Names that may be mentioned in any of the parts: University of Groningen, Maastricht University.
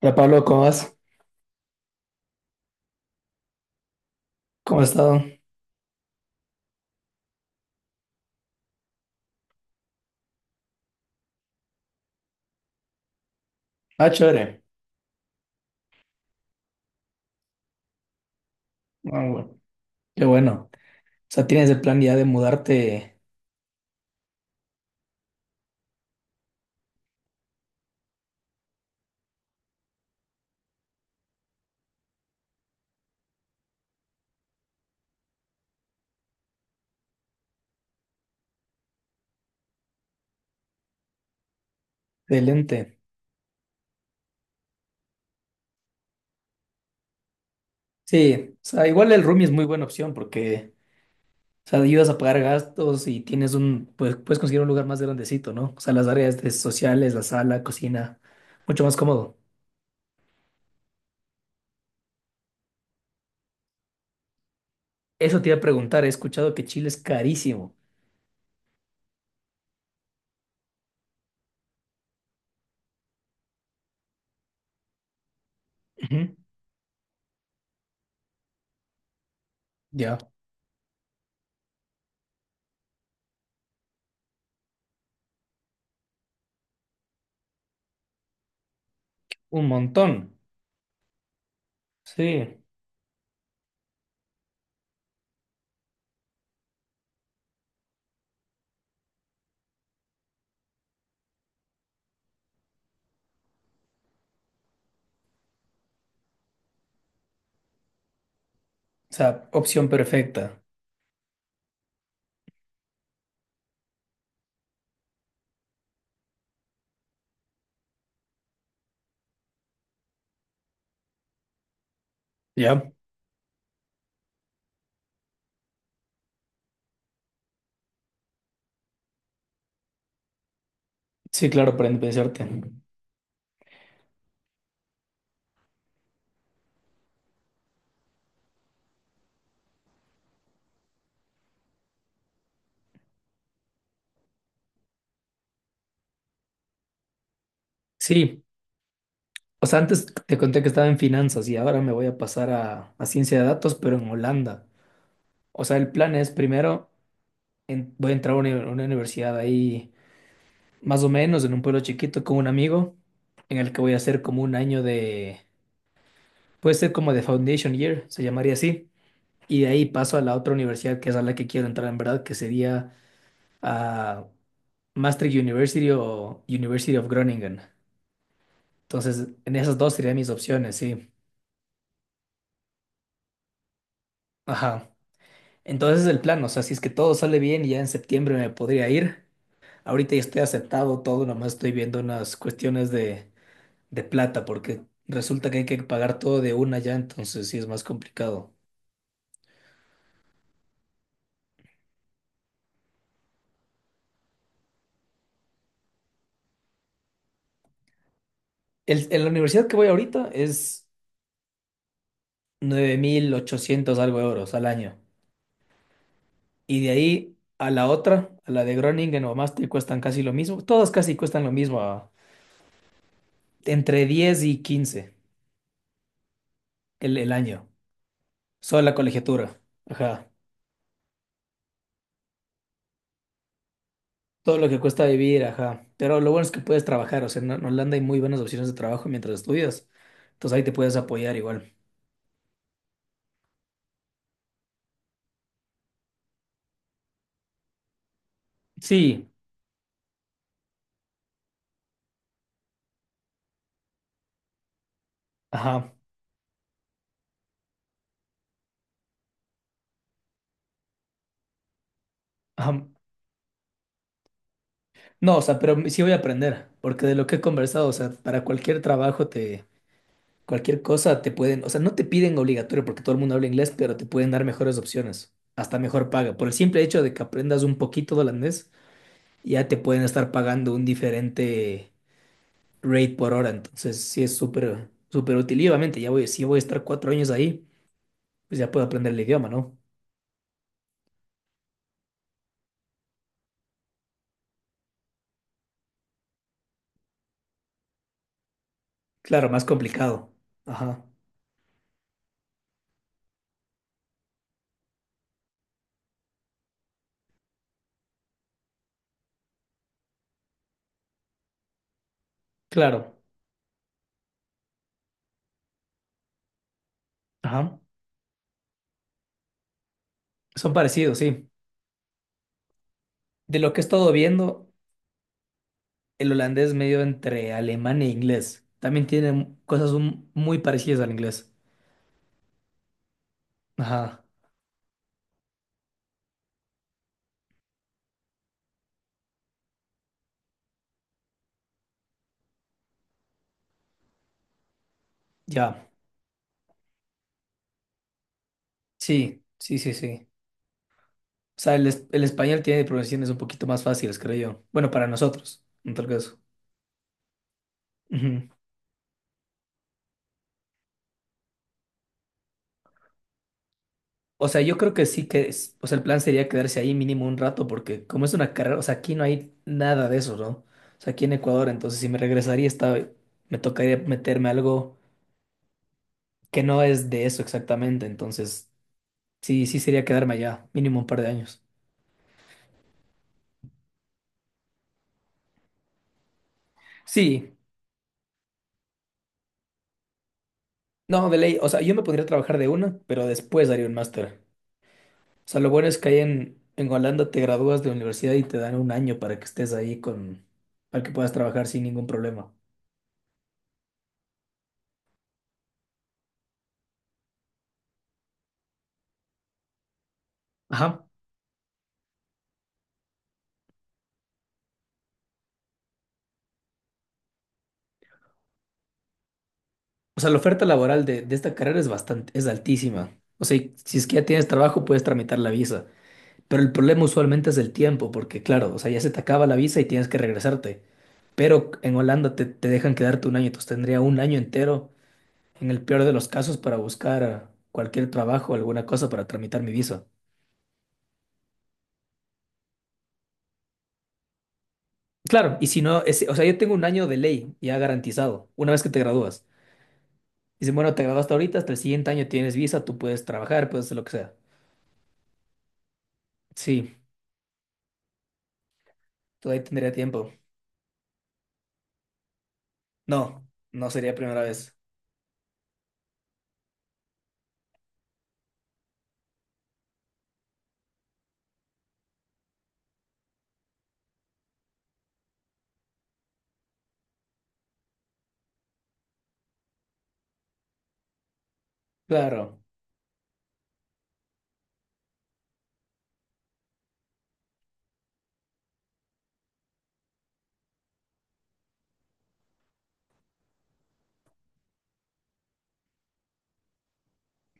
Hola Pablo, ¿cómo vas? ¿Cómo has estado? Ah, chévere. Ah, bueno. Qué bueno. O sea, tienes el plan ya de mudarte de lente. Sí, o sea, igual el roomie es muy buena opción porque, o sea, ayudas a pagar gastos y tienes pues puedes conseguir un lugar más grandecito, ¿no? O sea, las áreas de sociales, la sala, cocina, mucho más cómodo. Eso te iba a preguntar, he escuchado que Chile es carísimo. Ujú. Ya. Un montón. Sí. O sea, opción perfecta. Ya. Sí, claro, para independizarte. Sí, o sea, antes te conté que estaba en finanzas y ahora me voy a pasar a ciencia de datos, pero en Holanda. O sea, el plan es primero, voy a entrar a una universidad ahí, más o menos, en un pueblo chiquito con un amigo, en el que voy a hacer como un año de, puede ser como de Foundation Year, se llamaría así. Y de ahí paso a la otra universidad que es a la que quiero entrar en verdad, que sería a Maastricht University o University of Groningen. Entonces, en esas dos serían mis opciones, sí. Ajá. Entonces es el plan, o sea, si es que todo sale bien, ya en septiembre me podría ir. Ahorita ya estoy aceptado todo, nomás estoy viendo unas cuestiones de plata, porque resulta que hay que pagar todo de una ya, entonces sí es más complicado. En la universidad que voy ahorita es 9.800 algo euros al año. Y de ahí a la otra, a la de Groningen o Maastricht, cuestan casi lo mismo. Todas casi cuestan lo mismo, entre 10 y 15 el año. Solo la colegiatura. Ajá. Todo lo que cuesta vivir, ajá. Pero lo bueno es que puedes trabajar, o sea, en Holanda hay muy buenas opciones de trabajo mientras estudias. Entonces ahí te puedes apoyar igual. Sí, ajá, ajá. No, o sea, pero sí voy a aprender, porque de lo que he conversado, o sea, para cualquier trabajo cualquier cosa te pueden, o sea, no te piden obligatorio porque todo el mundo habla inglés, pero te pueden dar mejores opciones, hasta mejor paga. Por el simple hecho de que aprendas un poquito de holandés, ya te pueden estar pagando un diferente rate por hora. Entonces, sí es súper, súper útil. Y obviamente, ya voy, si voy a estar 4 años ahí, pues ya puedo aprender el idioma, ¿no? Claro, más complicado. Ajá. Claro. Ajá. Son parecidos, sí. De lo que he estado viendo, el holandés medio entre alemán e inglés. También tiene cosas muy parecidas al inglés. Ajá. Ya. Sí, sí, sí, sí. O sea, el español tiene pronunciaciones un poquito más fáciles, creo yo. Bueno, para nosotros, en tal caso. Ujú. O sea, yo creo que sí que, o sea, el plan sería quedarse ahí mínimo un rato, porque como es una carrera, o sea, aquí no hay nada de eso, ¿no? O sea, aquí en Ecuador, entonces si me regresaría, estaba, me tocaría meterme a algo que no es de eso exactamente, entonces sí, sí sería quedarme allá mínimo un par de años. Sí, no, de ley, o sea, yo me podría trabajar de una, pero después haría un máster. O sea, lo bueno es que ahí en, Holanda te gradúas de universidad y te dan un año para que estés ahí con, para que puedas trabajar sin ningún problema. Ajá. O sea, la oferta laboral de esta carrera es bastante, es altísima. O sea, y si es que ya tienes trabajo, puedes tramitar la visa. Pero el problema usualmente es el tiempo, porque claro, o sea, ya se te acaba la visa y tienes que regresarte. Pero en Holanda te dejan quedarte un año, entonces tendría un año entero, en el peor de los casos, para buscar cualquier trabajo, alguna cosa para tramitar mi visa. Claro, y si no, o sea, yo tengo un año de ley ya garantizado, una vez que te gradúas. Dicen, bueno, te graduaste ahorita, hasta el siguiente año tienes visa, tú puedes trabajar, puedes hacer lo que sea. Sí, todavía tendría tiempo. No, no sería primera vez. Claro.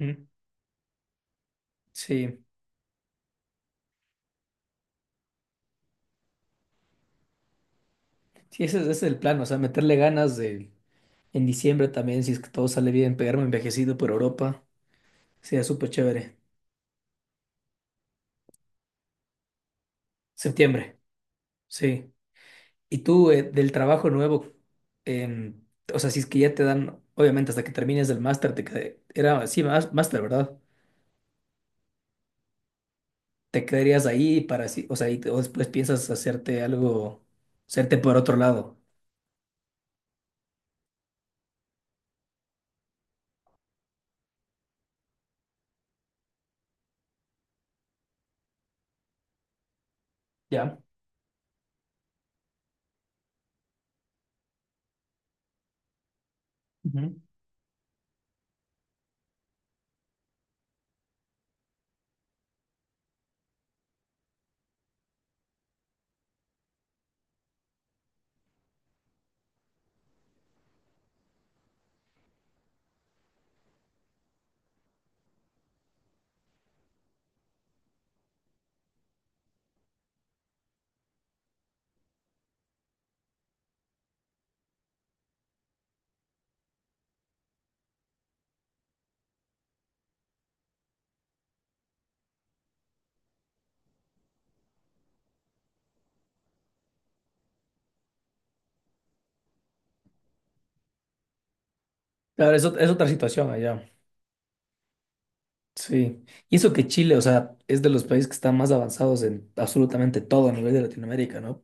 Ujú. Sí. Sí, ese es el plan, o sea, meterle ganas de en diciembre también, si es que todo sale bien, pegarme envejecido por Europa. Sería súper chévere. Septiembre, sí. Y tú, del trabajo nuevo, em, o sea, si es que ya te dan, obviamente hasta que termines el máster, era así, más máster, ¿verdad? Te quedarías ahí para así, o sea, y, o después piensas hacerte algo, hacerte por otro lado. Ya. Ujú. Claro, es otra situación allá. Sí, y eso que Chile, o sea, es de los países que están más avanzados en absolutamente todo a nivel de Latinoamérica, ¿no?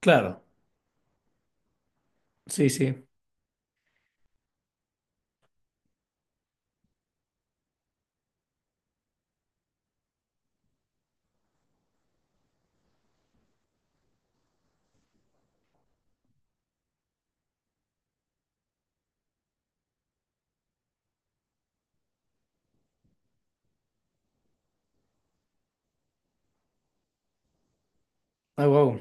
Claro. Sí, sí. Ah, wow,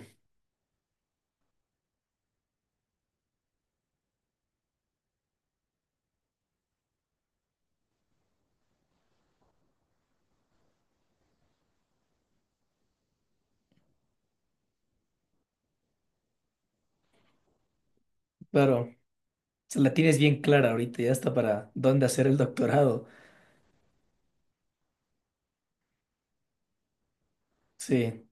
claro. Se la tienes bien clara ahorita, ya está para dónde hacer el doctorado. Sí,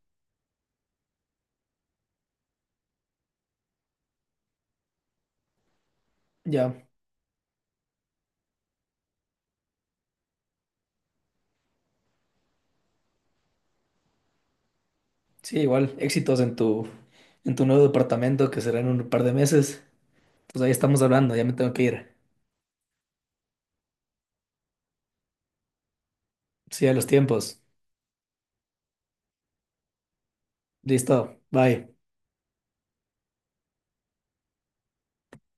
ya. Sí, igual, éxitos en tu, nuevo departamento que será en un par de meses. Pues ahí estamos hablando, ya me tengo que ir. Sí, a los tiempos. Listo, bye.